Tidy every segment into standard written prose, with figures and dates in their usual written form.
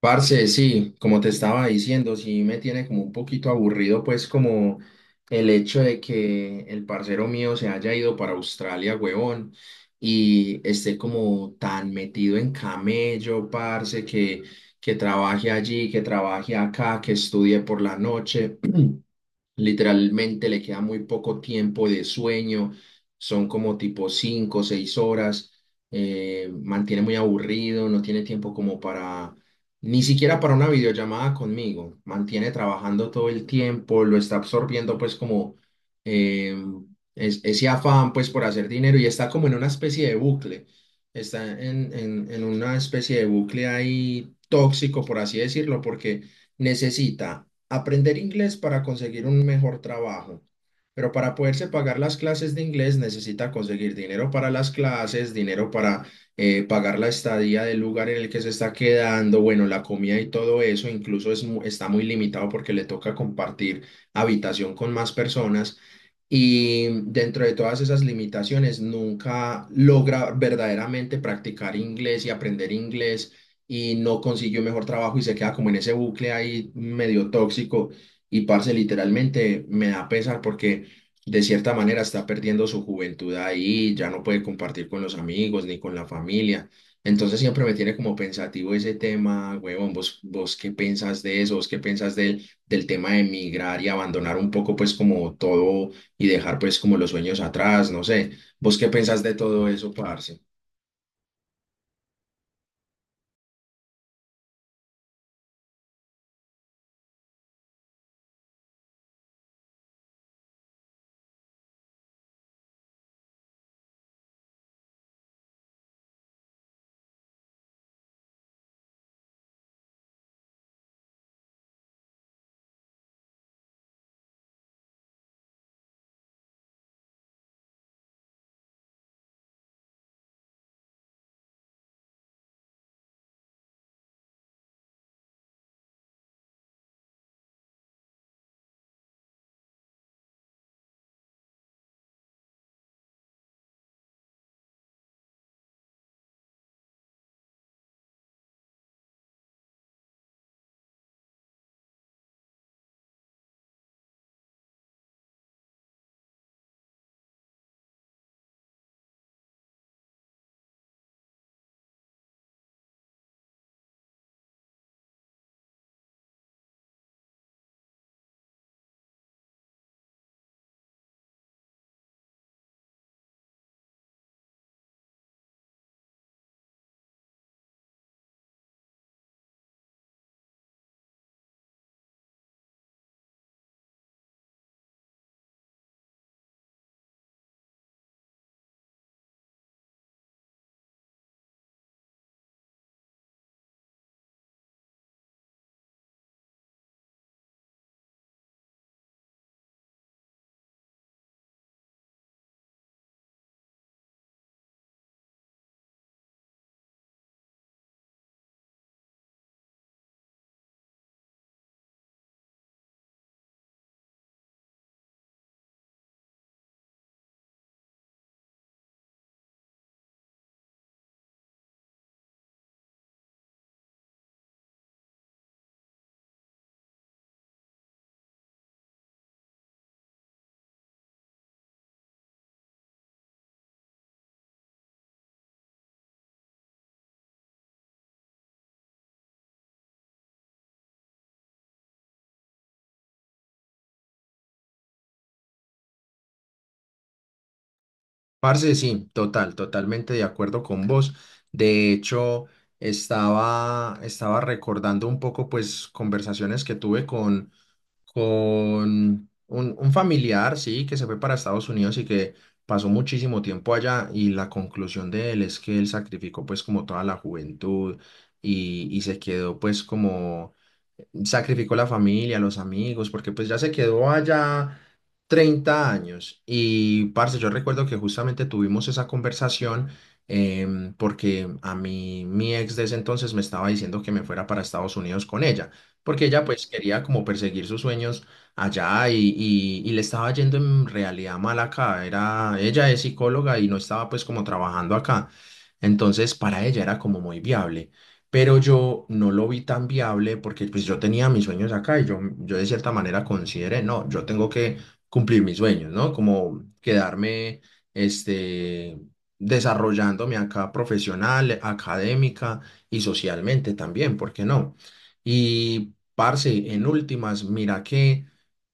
Parce, sí, como te estaba diciendo, sí me tiene como un poquito aburrido, pues como el hecho de que el parcero mío se haya ido para Australia, huevón, y esté como tan metido en camello, parce, que trabaje allí, que trabaje acá, que estudie por la noche. Literalmente le queda muy poco tiempo de sueño, son como tipo 5 o 6 horas, mantiene muy aburrido, no tiene tiempo como ni siquiera para una videollamada conmigo, mantiene trabajando todo el tiempo, lo está absorbiendo pues como eh, ese afán pues por hacer dinero y está como en una especie de bucle, está en una especie de bucle ahí tóxico por así decirlo, porque necesita aprender inglés para conseguir un mejor trabajo. Pero para poderse pagar las clases de inglés necesita conseguir dinero para las clases, dinero para pagar la estadía del lugar en el que se está quedando, bueno, la comida y todo eso. Incluso está muy limitado porque le toca compartir habitación con más personas. Y dentro de todas esas limitaciones, nunca logra verdaderamente practicar inglés y aprender inglés y no consiguió mejor trabajo y se queda como en ese bucle ahí medio tóxico. Y parce, literalmente me da pesar porque de cierta manera está perdiendo su juventud ahí, ya no puede compartir con los amigos ni con la familia. Entonces siempre me tiene como pensativo ese tema, huevón, vos qué pensás de eso, vos qué pensás del tema de emigrar y abandonar un poco pues como todo y dejar pues como los sueños atrás, no sé. ¿Vos qué pensás de todo eso, parce? Parce, sí, totalmente de acuerdo con vos. De hecho, estaba recordando un poco pues conversaciones que tuve con un familiar, sí, que se fue para Estados Unidos y que pasó muchísimo tiempo allá, y la conclusión de él es que él sacrificó pues como toda la juventud y se quedó pues como sacrificó la familia, los amigos, porque pues ya se quedó allá 30 años. Y, parce, yo recuerdo que justamente tuvimos esa conversación, porque a mí, mi ex de ese entonces me estaba diciendo que me fuera para Estados Unidos con ella, porque ella pues quería como perseguir sus sueños allá y le estaba yendo en realidad mal acá. Era, ella es psicóloga y no estaba pues como trabajando acá. Entonces, para ella era como muy viable, pero yo no lo vi tan viable porque pues yo tenía mis sueños acá y yo de cierta manera consideré, no, yo tengo que cumplir mis sueños, ¿no? Como quedarme, este, desarrollándome acá profesional, académica y socialmente también, ¿por qué no? Y, parce, en últimas, mira que...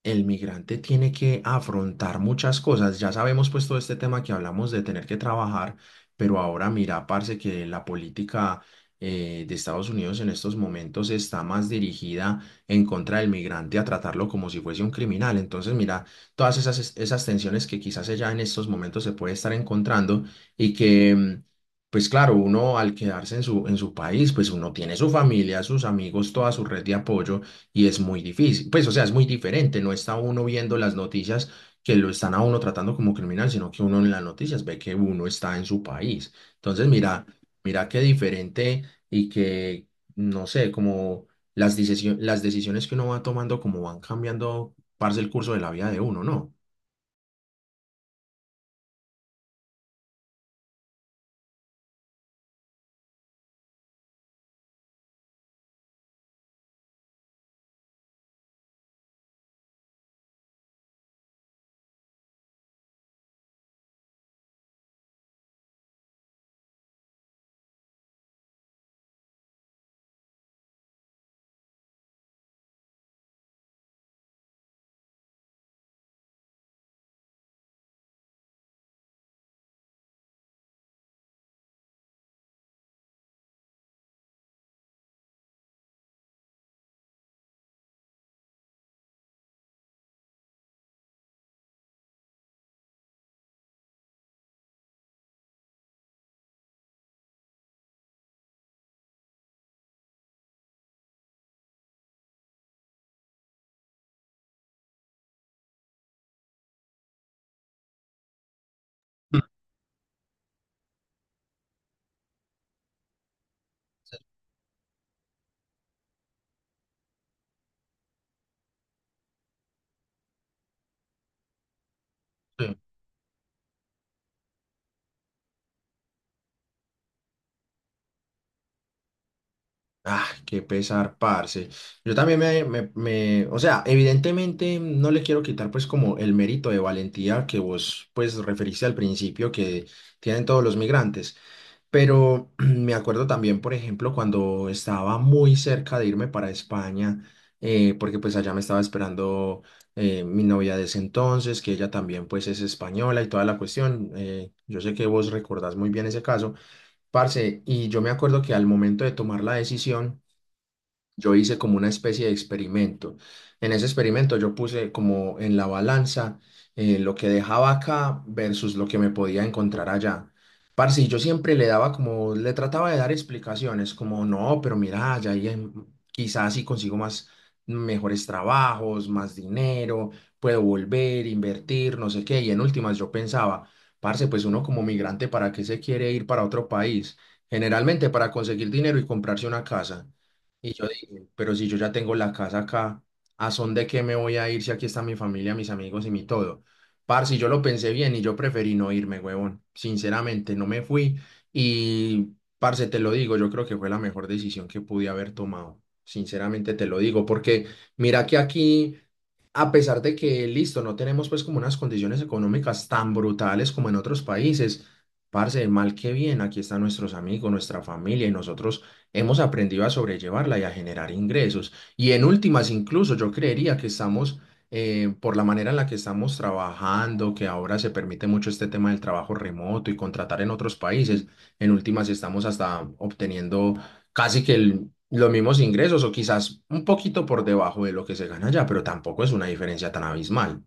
El migrante tiene que afrontar muchas cosas. Ya sabemos pues todo este tema que hablamos de tener que trabajar, pero ahora mira, parce, que la política de Estados Unidos en estos momentos está más dirigida en contra del migrante, a tratarlo como si fuese un criminal. Entonces, mira, todas esas tensiones que quizás ella en estos momentos se puede estar encontrando y que, pues claro, uno al quedarse en en su país, pues uno tiene su familia, sus amigos, toda su red de apoyo, y es muy difícil. Pues, o sea, es muy diferente, no está uno viendo las noticias que lo están a uno tratando como criminal, sino que uno en las noticias ve que uno está en su país. Entonces, mira, mira qué diferente y que, no sé, como las las decisiones que uno va tomando, como van cambiando, parce, el curso de la vida de uno, ¿no? Ah, qué pesar, parce. Yo también o sea, evidentemente no le quiero quitar pues como el mérito de valentía que vos pues referiste al principio que tienen todos los migrantes, pero me acuerdo también, por ejemplo, cuando estaba muy cerca de irme para España, porque pues allá me estaba esperando mi novia de ese entonces, que ella también pues es española y toda la cuestión. Eh, yo sé que vos recordás muy bien ese caso. Parce, y yo me acuerdo que al momento de tomar la decisión, yo hice como una especie de experimento. En ese experimento yo puse como en la balanza lo que dejaba acá versus lo que me podía encontrar allá. Parce, y yo siempre le daba como, le trataba de dar explicaciones, como no, pero mira, quizás si consigo más, mejores trabajos, más dinero, puedo volver, invertir, no sé qué. Y en últimas yo pensaba, parce, pues uno como migrante, ¿para qué se quiere ir para otro país? Generalmente para conseguir dinero y comprarse una casa. Y yo digo, pero si yo ya tengo la casa acá, ¿a son de qué me voy a ir si aquí está mi familia, mis amigos y mi todo? Parce, yo lo pensé bien y yo preferí no irme, huevón. Sinceramente, no me fui y, parce, te lo digo, yo creo que fue la mejor decisión que pude haber tomado. Sinceramente te lo digo, porque mira que aquí, a pesar de que, listo, no tenemos pues como unas condiciones económicas tan brutales como en otros países, parce, mal que bien, aquí están nuestros amigos, nuestra familia, y nosotros hemos aprendido a sobrellevarla y a generar ingresos. Y en últimas, incluso yo creería que estamos, por la manera en la que estamos trabajando, que ahora se permite mucho este tema del trabajo remoto y contratar en otros países, en últimas estamos hasta obteniendo casi que los mismos ingresos o quizás un poquito por debajo de lo que se gana allá, pero tampoco es una diferencia tan abismal.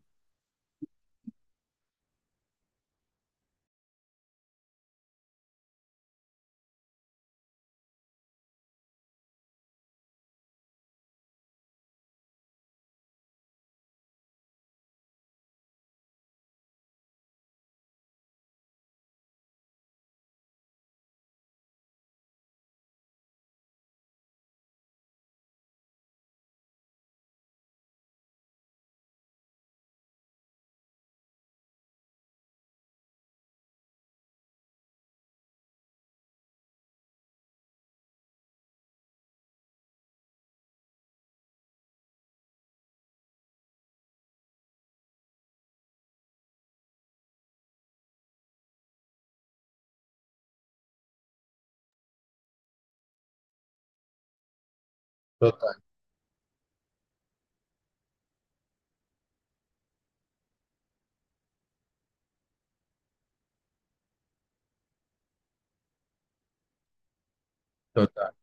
Total.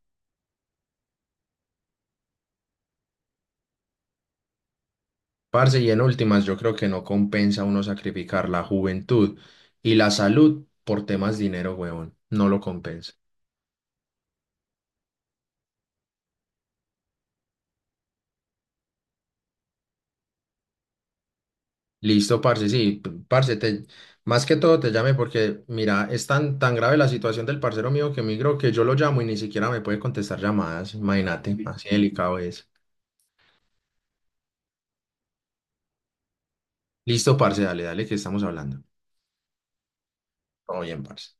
Parce, y en últimas, yo creo que no compensa uno sacrificar la juventud y la salud por temas de dinero, huevón. No lo compensa. Listo, parce, sí, parce, más que todo te llame porque, mira, es tan grave la situación del parcero mío que migró, que yo lo llamo y ni siquiera me puede contestar llamadas. Imagínate, así delicado es. Listo, parce, dale, dale, que estamos hablando. Todo bien, parce.